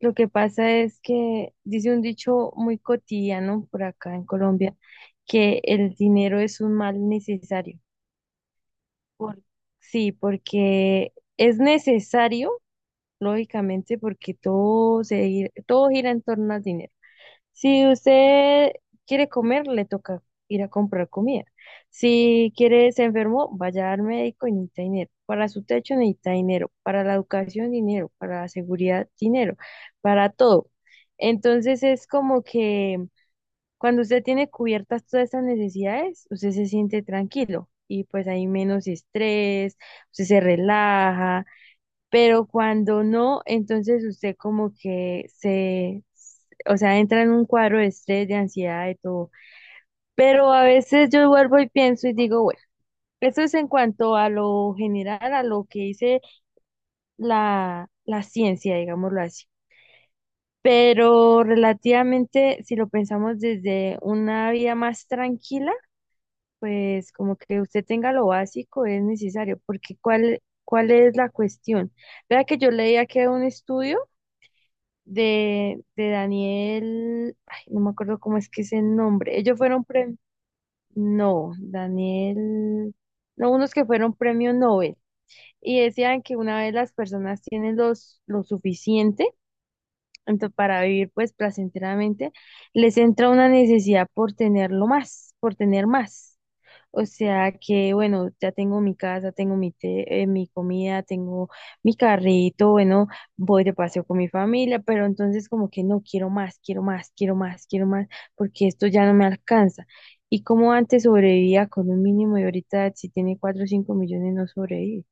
Lo que pasa es que dice un dicho muy cotidiano por acá en Colombia, que el dinero es un mal necesario. Por- sí, porque es necesario, lógicamente, porque todo gira en torno al dinero. Si usted quiere comer, le toca ir a comprar comida. Si quiere, se enfermó, vaya al médico y necesita dinero. Para su techo necesita dinero. Para la educación, dinero. Para la seguridad, dinero. Para todo. Entonces es como que cuando usted tiene cubiertas todas estas necesidades, usted se siente tranquilo y pues hay menos estrés, usted se relaja, pero cuando no, entonces usted como que se, o sea, entra en un cuadro de estrés, de ansiedad, de todo. Pero a veces yo vuelvo y pienso y digo, bueno, eso es en cuanto a lo general, a lo que dice la ciencia, digámoslo así. Pero relativamente, si lo pensamos desde una vida más tranquila, pues como que usted tenga lo básico es necesario, porque ¿cuál, cuál es la cuestión? Vea que yo leía que un estudio de Daniel, ay, no me acuerdo cómo es que es el nombre. Ellos fueron premio, no, Daniel, no, unos que fueron premio Nobel y decían que una vez las personas tienen lo suficiente para vivir pues placenteramente, les entra una necesidad por tenerlo más, por tener más. O sea que, bueno, ya tengo mi casa, tengo mi té, mi comida, tengo mi carrito, bueno, voy de paseo con mi familia, pero entonces como que no quiero más, quiero más, quiero más, quiero más, porque esto ya no me alcanza. Y como antes sobrevivía con un mínimo y ahorita si tiene cuatro o cinco millones no sobrevive.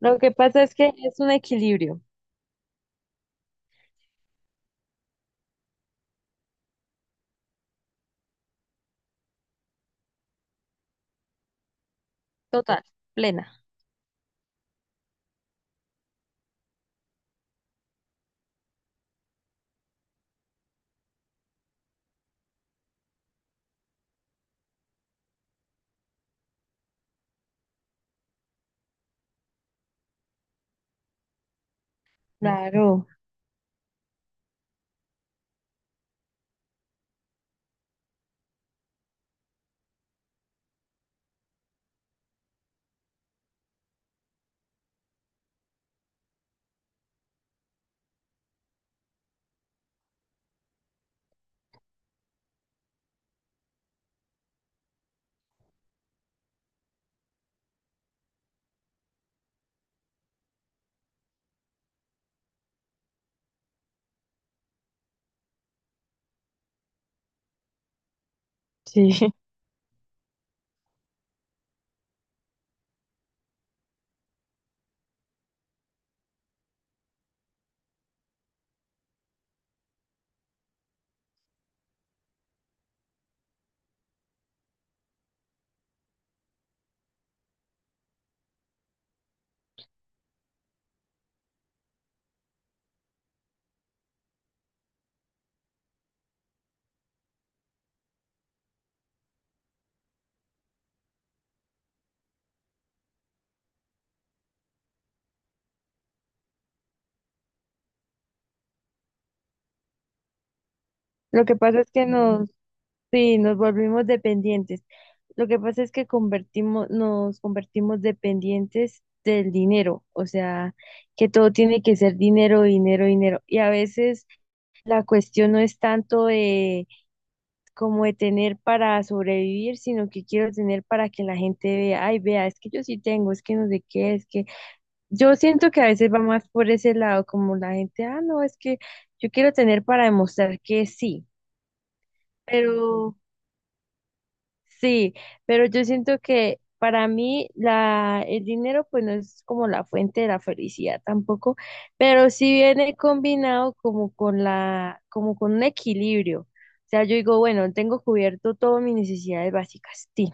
Lo que pasa es que es un equilibrio total, plena. Claro, sí. Lo que pasa es que no. Sí, nos volvimos dependientes. Lo que pasa es que nos convertimos dependientes del dinero, o sea, que todo tiene que ser dinero, dinero, dinero. Y a veces la cuestión no es tanto de como de tener para sobrevivir, sino que quiero tener para que la gente vea, ay, vea, es que yo sí tengo, es que no sé qué, es que yo siento que a veces va más por ese lado, como la gente, ah, no, es que yo quiero tener para demostrar que sí, pero... Sí, pero yo siento que para mí el dinero pues no es como la fuente de la felicidad tampoco, pero sí viene combinado como con un equilibrio. O sea, yo digo, bueno, tengo cubierto todas mis necesidades básicas, sí,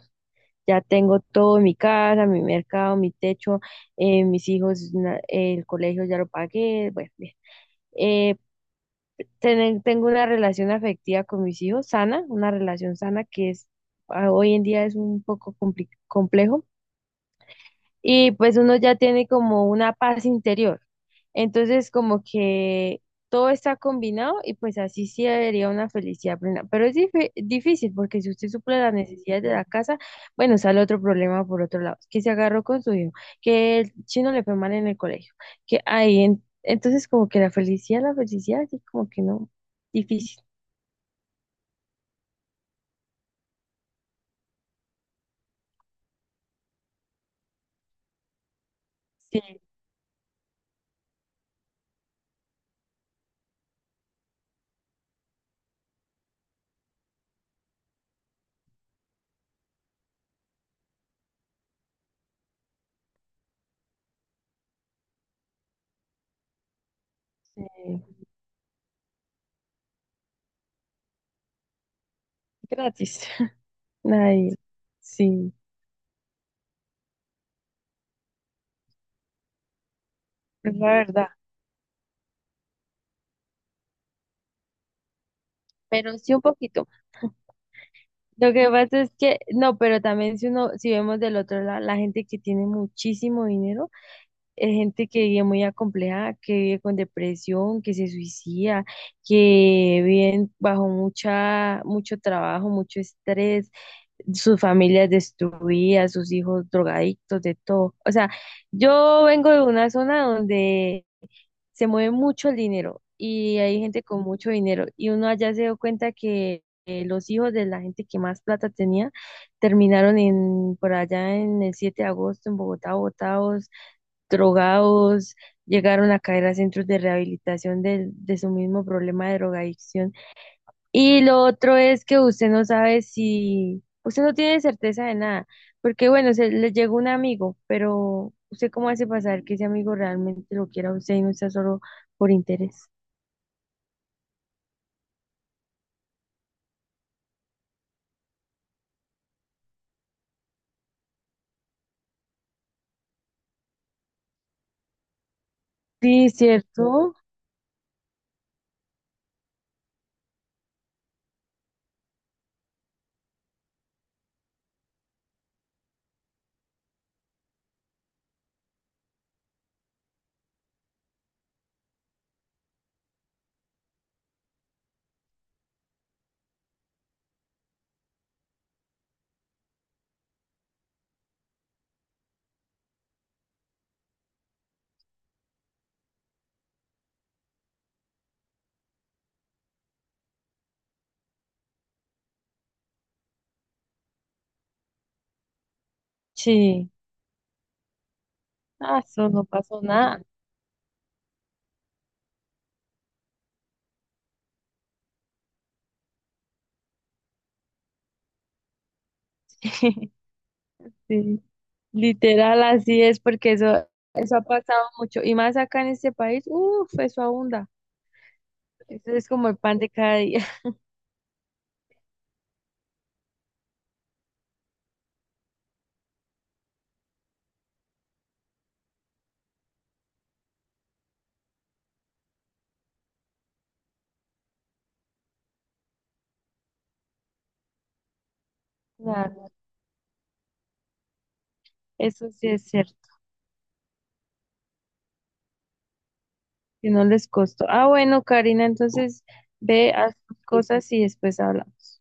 ya tengo todo, mi casa, mi mercado, mi techo, mis hijos, el colegio ya lo pagué, bueno, bien. Tengo una relación afectiva con mis hijos, sana, una relación sana que es ah, hoy en día es un poco complejo y pues uno ya tiene como una paz interior. Entonces como que todo está combinado y pues así sí debería una felicidad plena. Pero es difícil porque si usted suple las necesidades de la casa, bueno, sale otro problema por otro lado, que se agarró con su hijo, que el chino le fue mal en el colegio, entonces como que la felicidad, así como que no, difícil. Sí, sí, gratis. nadie. Sí, es la verdad. Pero sí un poquito. Lo que pasa es que, no, pero también si uno, si vemos del otro lado, la gente que tiene muchísimo dinero, es gente que vive muy acomplejada, que vive con depresión, que se suicida, que viven bajo mucha, mucho trabajo, mucho estrés, sus familias destruidas, sus hijos drogadictos, de todo. O sea, yo vengo de una zona donde se mueve mucho el dinero y hay gente con mucho dinero y uno allá se dio cuenta que los hijos de la gente que más plata tenía terminaron en por allá en el 7 de agosto en Bogotá botados, drogados, llegaron a caer a centros de rehabilitación de su mismo problema de drogadicción y lo otro es que usted no sabe si, usted no tiene certeza de nada, porque bueno, se le llegó un amigo, pero usted cómo hace pasar que ese amigo realmente lo quiera a usted y no sea solo por interés. Sí, ¿cierto? Sí. Ah, eso no pasó nada. Sí. Literal, así es, porque eso ha pasado mucho. Y más acá en este país, uff, eso abunda. Eso es como el pan de cada día. Claro, eso sí es cierto. Que no les costó. Ah, bueno, Karina, entonces ve, a tus cosas y después hablamos.